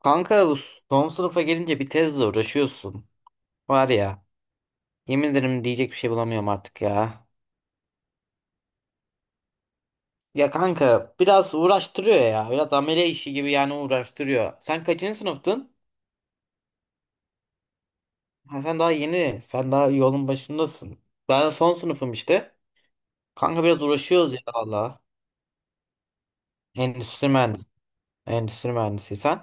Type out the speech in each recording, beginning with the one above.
Kanka bu son sınıfa gelince bir tezle uğraşıyorsun. Var ya, yemin ederim diyecek bir şey bulamıyorum artık ya. Ya kanka biraz uğraştırıyor ya. Biraz amele işi gibi yani uğraştırıyor. Sen kaçıncı sınıftın? Ha, sen daha yeni. Sen daha yolun başındasın. Ben son sınıfım işte. Kanka biraz uğraşıyoruz ya valla. Endüstri mühendisi. Endüstri mühendisi sen.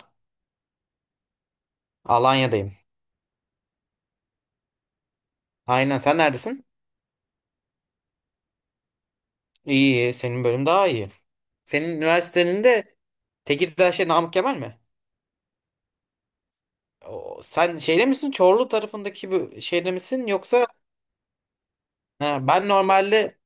Alanya'dayım. Aynen, sen neredesin? İyi iyi. Senin bölüm daha iyi. Senin üniversitenin de Tekirdağ şey, Namık Kemal mi? Sen şeyde misin? Çorlu tarafındaki bu şeyde misin? Yoksa ha, ben normalde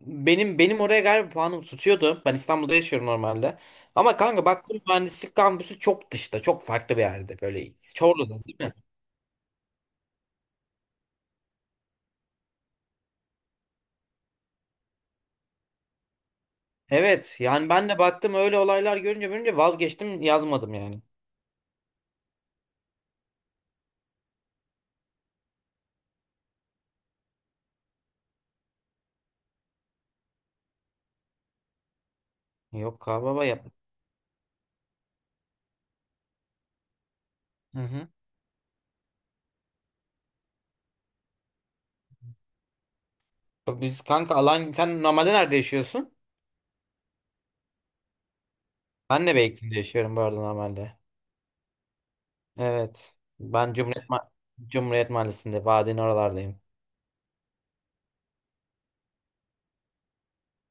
benim oraya galiba puanım tutuyordu. Ben İstanbul'da yaşıyorum normalde. Ama kanka baktım mühendislik kampüsü çok dışta. Çok farklı bir yerde. Böyle Çorlu'da değil mi? Evet. Yani ben de baktım öyle olaylar görünce görünce vazgeçtim, yazmadım yani. Yok abi, baba yap. Hı hı. Bak biz kanka alan, sen normalde nerede yaşıyorsun? Ben de Beykin'de yaşıyorum bu arada normalde. Evet. Ben Cumhuriyet Cumhuriyet Mahallesi'nde Vadi'nin oralardayım.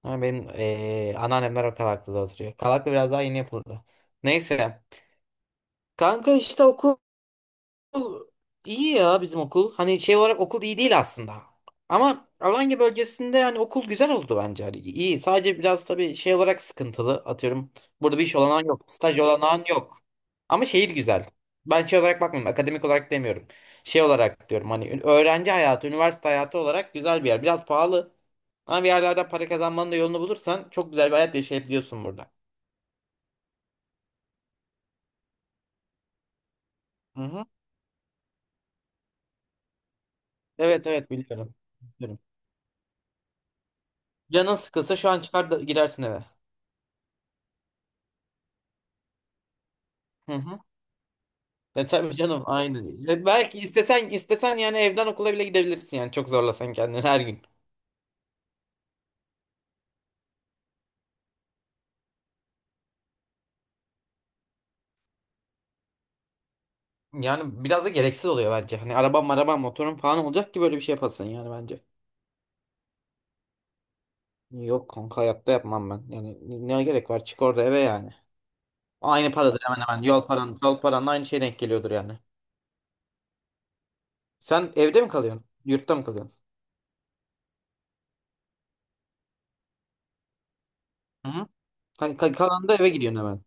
Ha, benim anneannemler o Kavaklı'da oturuyor. Kavaklı biraz daha yeni yapıldı. Neyse. Kanka işte okul. Okul iyi ya, bizim okul. Hani şey olarak okul iyi değil aslında. Ama Alanya bölgesinde hani okul güzel oldu bence. Hani iyi. Sadece biraz tabii şey olarak sıkıntılı. Atıyorum, burada bir iş olanağı yok. Staj olanağın yok. Ama şehir güzel. Ben şey olarak bakmıyorum. Akademik olarak demiyorum. Şey olarak diyorum hani öğrenci hayatı, üniversite hayatı olarak güzel bir yer. Biraz pahalı. Ama bir yerlerden para kazanmanın da yolunu bulursan çok güzel bir hayat yaşayabiliyorsun burada. Hı hı. Evet evet, biliyorum. Biliyorum. Canın sıkılsa şu an çıkar da gidersin eve. Hı hı. E tabii canım, aynen. E, belki istesen istesen yani evden okula bile gidebilirsin yani çok zorlasan kendini her gün. Yani biraz da gereksiz oluyor bence. Hani arabam arabam motorum falan olacak ki böyle bir şey yapasın yani bence. Yok kanka, hayatta yapmam ben. Yani ne gerek var, çık orada eve yani. Aynı paradır hemen hemen, yol paran yol paranla aynı şey denk geliyordur yani. Sen evde mi kalıyorsun? Yurtta mı kalıyorsun? Hı hı. Hani kalan da eve gidiyorsun hemen.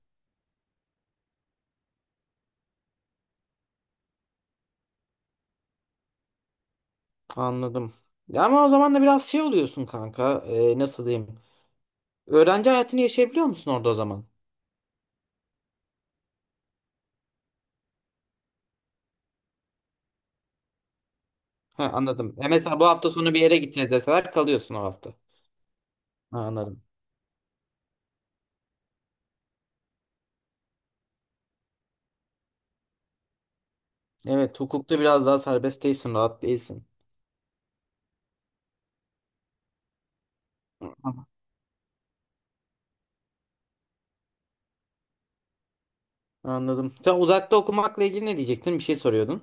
Anladım. Ya ama o zaman da biraz şey oluyorsun kanka. E, nasıl diyeyim? Öğrenci hayatını yaşayabiliyor musun orada o zaman? Ha, anladım. E mesela bu hafta sonu bir yere gideceğiz deseler kalıyorsun o hafta. Ha, anladım. Evet, hukukta biraz daha serbest değilsin, rahat değilsin. Tamam. Anladım. Sen uzakta okumakla ilgili ne diyecektin? Bir şey soruyordun.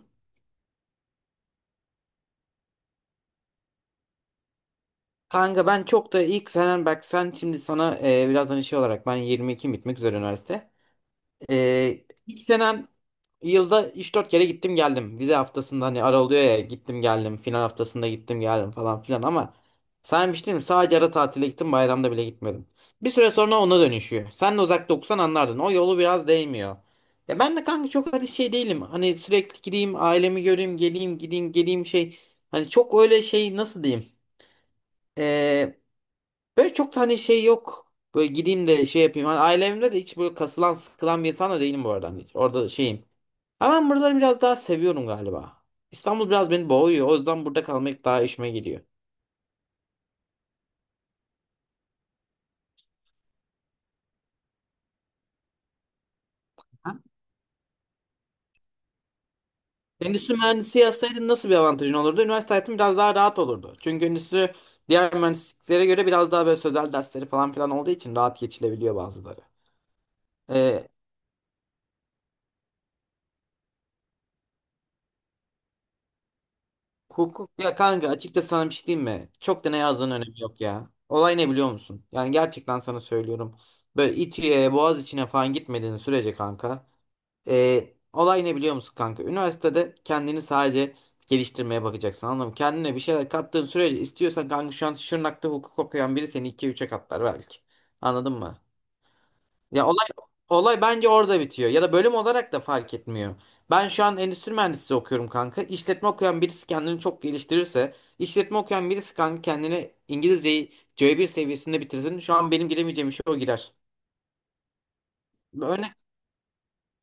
Kanka ben çok da, ilk senen, bak sen şimdi sana biraz hani şey olarak, ben 22 bitmek üzere üniversite. İlk senen yılda üç dört kere gittim geldim. Vize haftasında hani ara oluyor ya, gittim geldim. Final haftasında gittim geldim falan filan ama saymıştım, sadece ara tatile gittim, bayramda bile gitmedim. Bir süre sonra ona dönüşüyor. Sen de uzakta okusan anlardın. O yolu biraz değmiyor. Ya ben de kanka çok öyle şey değilim. Hani sürekli gideyim ailemi göreyim, geleyim gideyim geleyim, şey. Hani çok öyle şey, nasıl diyeyim. Böyle çok da hani şey yok. Böyle gideyim de şey yapayım. Hani ailemde de hiç böyle kasılan sıkılan bir insan da değilim bu arada. Hani hiç orada şeyim. Ama ben buraları biraz daha seviyorum galiba. İstanbul biraz beni boğuyor. O yüzden burada kalmak daha işime geliyor. Ha? Endüstri mühendisi yazsaydın nasıl bir avantajın olurdu? Üniversite hayatım biraz daha rahat olurdu. Çünkü endüstri diğer mühendisliklere göre biraz daha böyle sözel dersleri falan filan olduğu için rahat geçilebiliyor bazıları. Ee, Hukuk ya kanka, açıkçası sana bir şey diyeyim mi? Çok da ne yazdığının önemi yok ya. Olay ne biliyor musun? Yani gerçekten sana söylüyorum. Böyle İTÜ'ye, Boğaz içine falan gitmediğin sürece kanka, olay ne biliyor musun kanka? Üniversitede kendini sadece geliştirmeye bakacaksın, anladın mı? Kendine bir şeyler kattığın sürece istiyorsan kanka, şu an Şırnak'ta hukuk okuyan biri seni 2-3'e katlar belki. Anladın mı? Ya olay bence orada bitiyor. Ya da bölüm olarak da fark etmiyor. Ben şu an endüstri mühendisliği okuyorum kanka. İşletme okuyan birisi kendini çok geliştirirse, işletme okuyan birisi kanka kendini, İngilizceyi C1 seviyesinde bitirsin, şu an benim giremeyeceğim işe o girer. Öyle.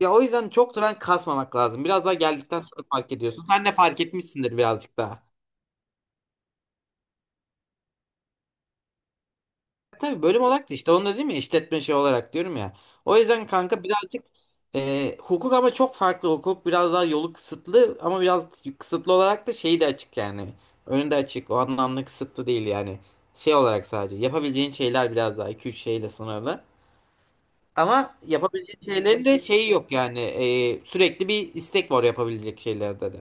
Ya o yüzden çok da ben kasmamak lazım. Biraz daha geldikten sonra fark ediyorsun. Sen de fark etmişsindir birazcık daha. Tabii bölüm olarak da işte onu da, değil mi, işletme şey olarak diyorum ya. O yüzden kanka birazcık hukuk ama çok farklı, hukuk biraz daha yolu kısıtlı ama biraz kısıtlı olarak da şeyi de açık yani. Önünde açık, o anlamda kısıtlı değil yani. Şey olarak sadece yapabileceğin şeyler biraz daha iki üç şeyle sınırlı. Ama yapabileceğin şeylerin de şeyi yok yani, sürekli bir istek var yapabilecek şeylerde de.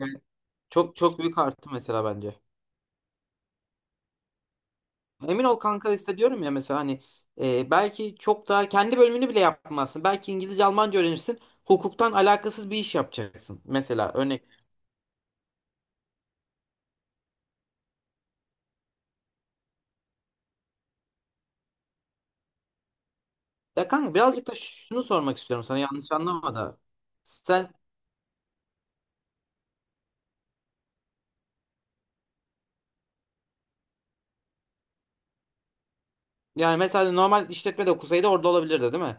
Yani çok çok büyük arttı mesela bence. Emin ol kanka, hissediyorum ya mesela, hani belki çok daha kendi bölümünü bile yapmazsın. Belki İngilizce, Almanca öğrenirsin. Hukuktan alakasız bir iş yapacaksın mesela, örnek. Ya kanka birazcık da şunu sormak istiyorum sana, yanlış anlama da. Sen yani mesela normal işletme de okusaydı orada olabilirdi, değil mi?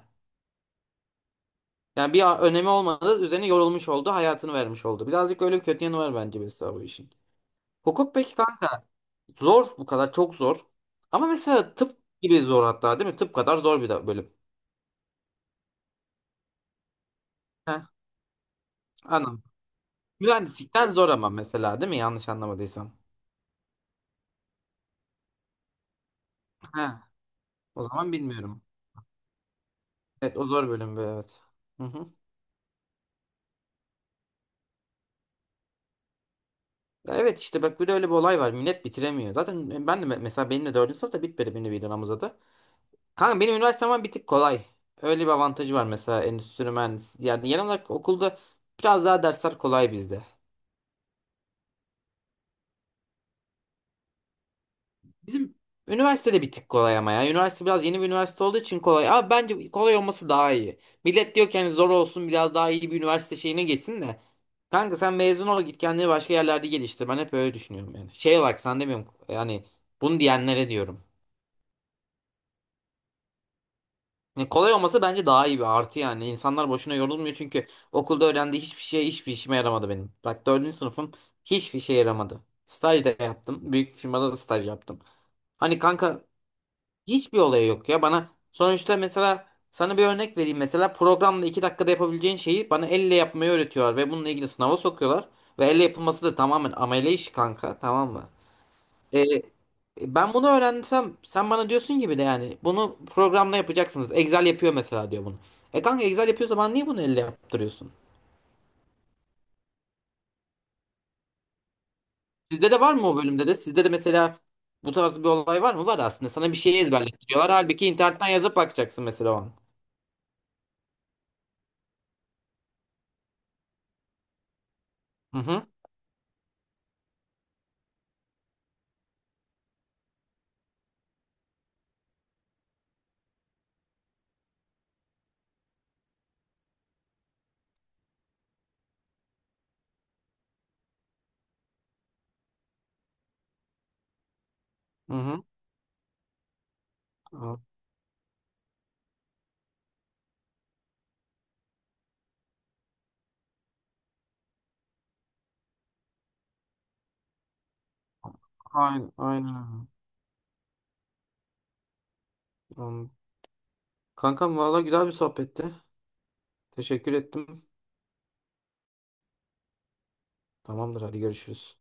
Yani bir önemi olmadı, üzerine yorulmuş oldu, hayatını vermiş oldu. Birazcık öyle bir kötü yanı var bence mesela bu işin. Hukuk peki kanka, zor bu kadar çok zor. Ama mesela tıp gibi zor hatta, değil mi? Tıp kadar zor bir de bölüm. Heh, anladım. Mühendislikten zor ama mesela, değil mi? Yanlış anlamadıysam. Ha, o zaman bilmiyorum. Evet o zor bölüm bu, evet. Hı hı. Ya evet işte, bak bir de öyle bir olay var. Millet bitiremiyor. Zaten ben de mesela, benim de dördüncü sınıfta bitmedi, benim bir dönem uzadı. Kanka benim üniversitem bir tık kolay. Öyle bir avantajı var mesela endüstri mühendisi. Yani genel olarak okulda biraz daha dersler kolay bizde. Bizim üniversitede bir tık kolay ama ya. Üniversite biraz yeni bir üniversite olduğu için kolay. Ama bence kolay olması daha iyi. Millet diyor ki hani zor olsun biraz daha iyi bir üniversite şeyine geçsin de. Kanka sen mezun ol git kendini başka yerlerde geliştir. Ben hep öyle düşünüyorum yani. Şey olarak sen demiyorum yani, bunu diyenlere diyorum. Yani kolay olması bence daha iyi bir artı yani. İnsanlar boşuna yorulmuyor çünkü okulda öğrendiği hiçbir şey, hiçbir işime yaramadı benim. Bak dördüncü sınıfım, hiçbir şey yaramadı. Staj da yaptım. Büyük firmada da staj yaptım. Hani kanka, hiçbir olayı yok ya bana. Sonuçta mesela sana bir örnek vereyim. Mesela programda 2 dakikada yapabileceğin şeyi bana elle yapmayı öğretiyorlar ve bununla ilgili sınava sokuyorlar. Ve elle yapılması da tamamen amele işi kanka, tamam mı? Ee, ben bunu öğrensem, sen bana diyorsun gibi de yani, bunu programla yapacaksınız. Excel yapıyor mesela diyor bunu. E kanka Excel yapıyorsa bana niye bunu elle yaptırıyorsun? Sizde de var mı, o bölümde de? Sizde de mesela bu tarz bir olay var mı? Var aslında. Sana bir şeyi ezberletiyorlar. Halbuki internetten yazıp bakacaksın mesela o an. Hı hı. Hı hı. Aynen, aynen, abi. Anladım. Kankam valla güzel bir sohbetti. Teşekkür ettim. Tamamdır, hadi görüşürüz.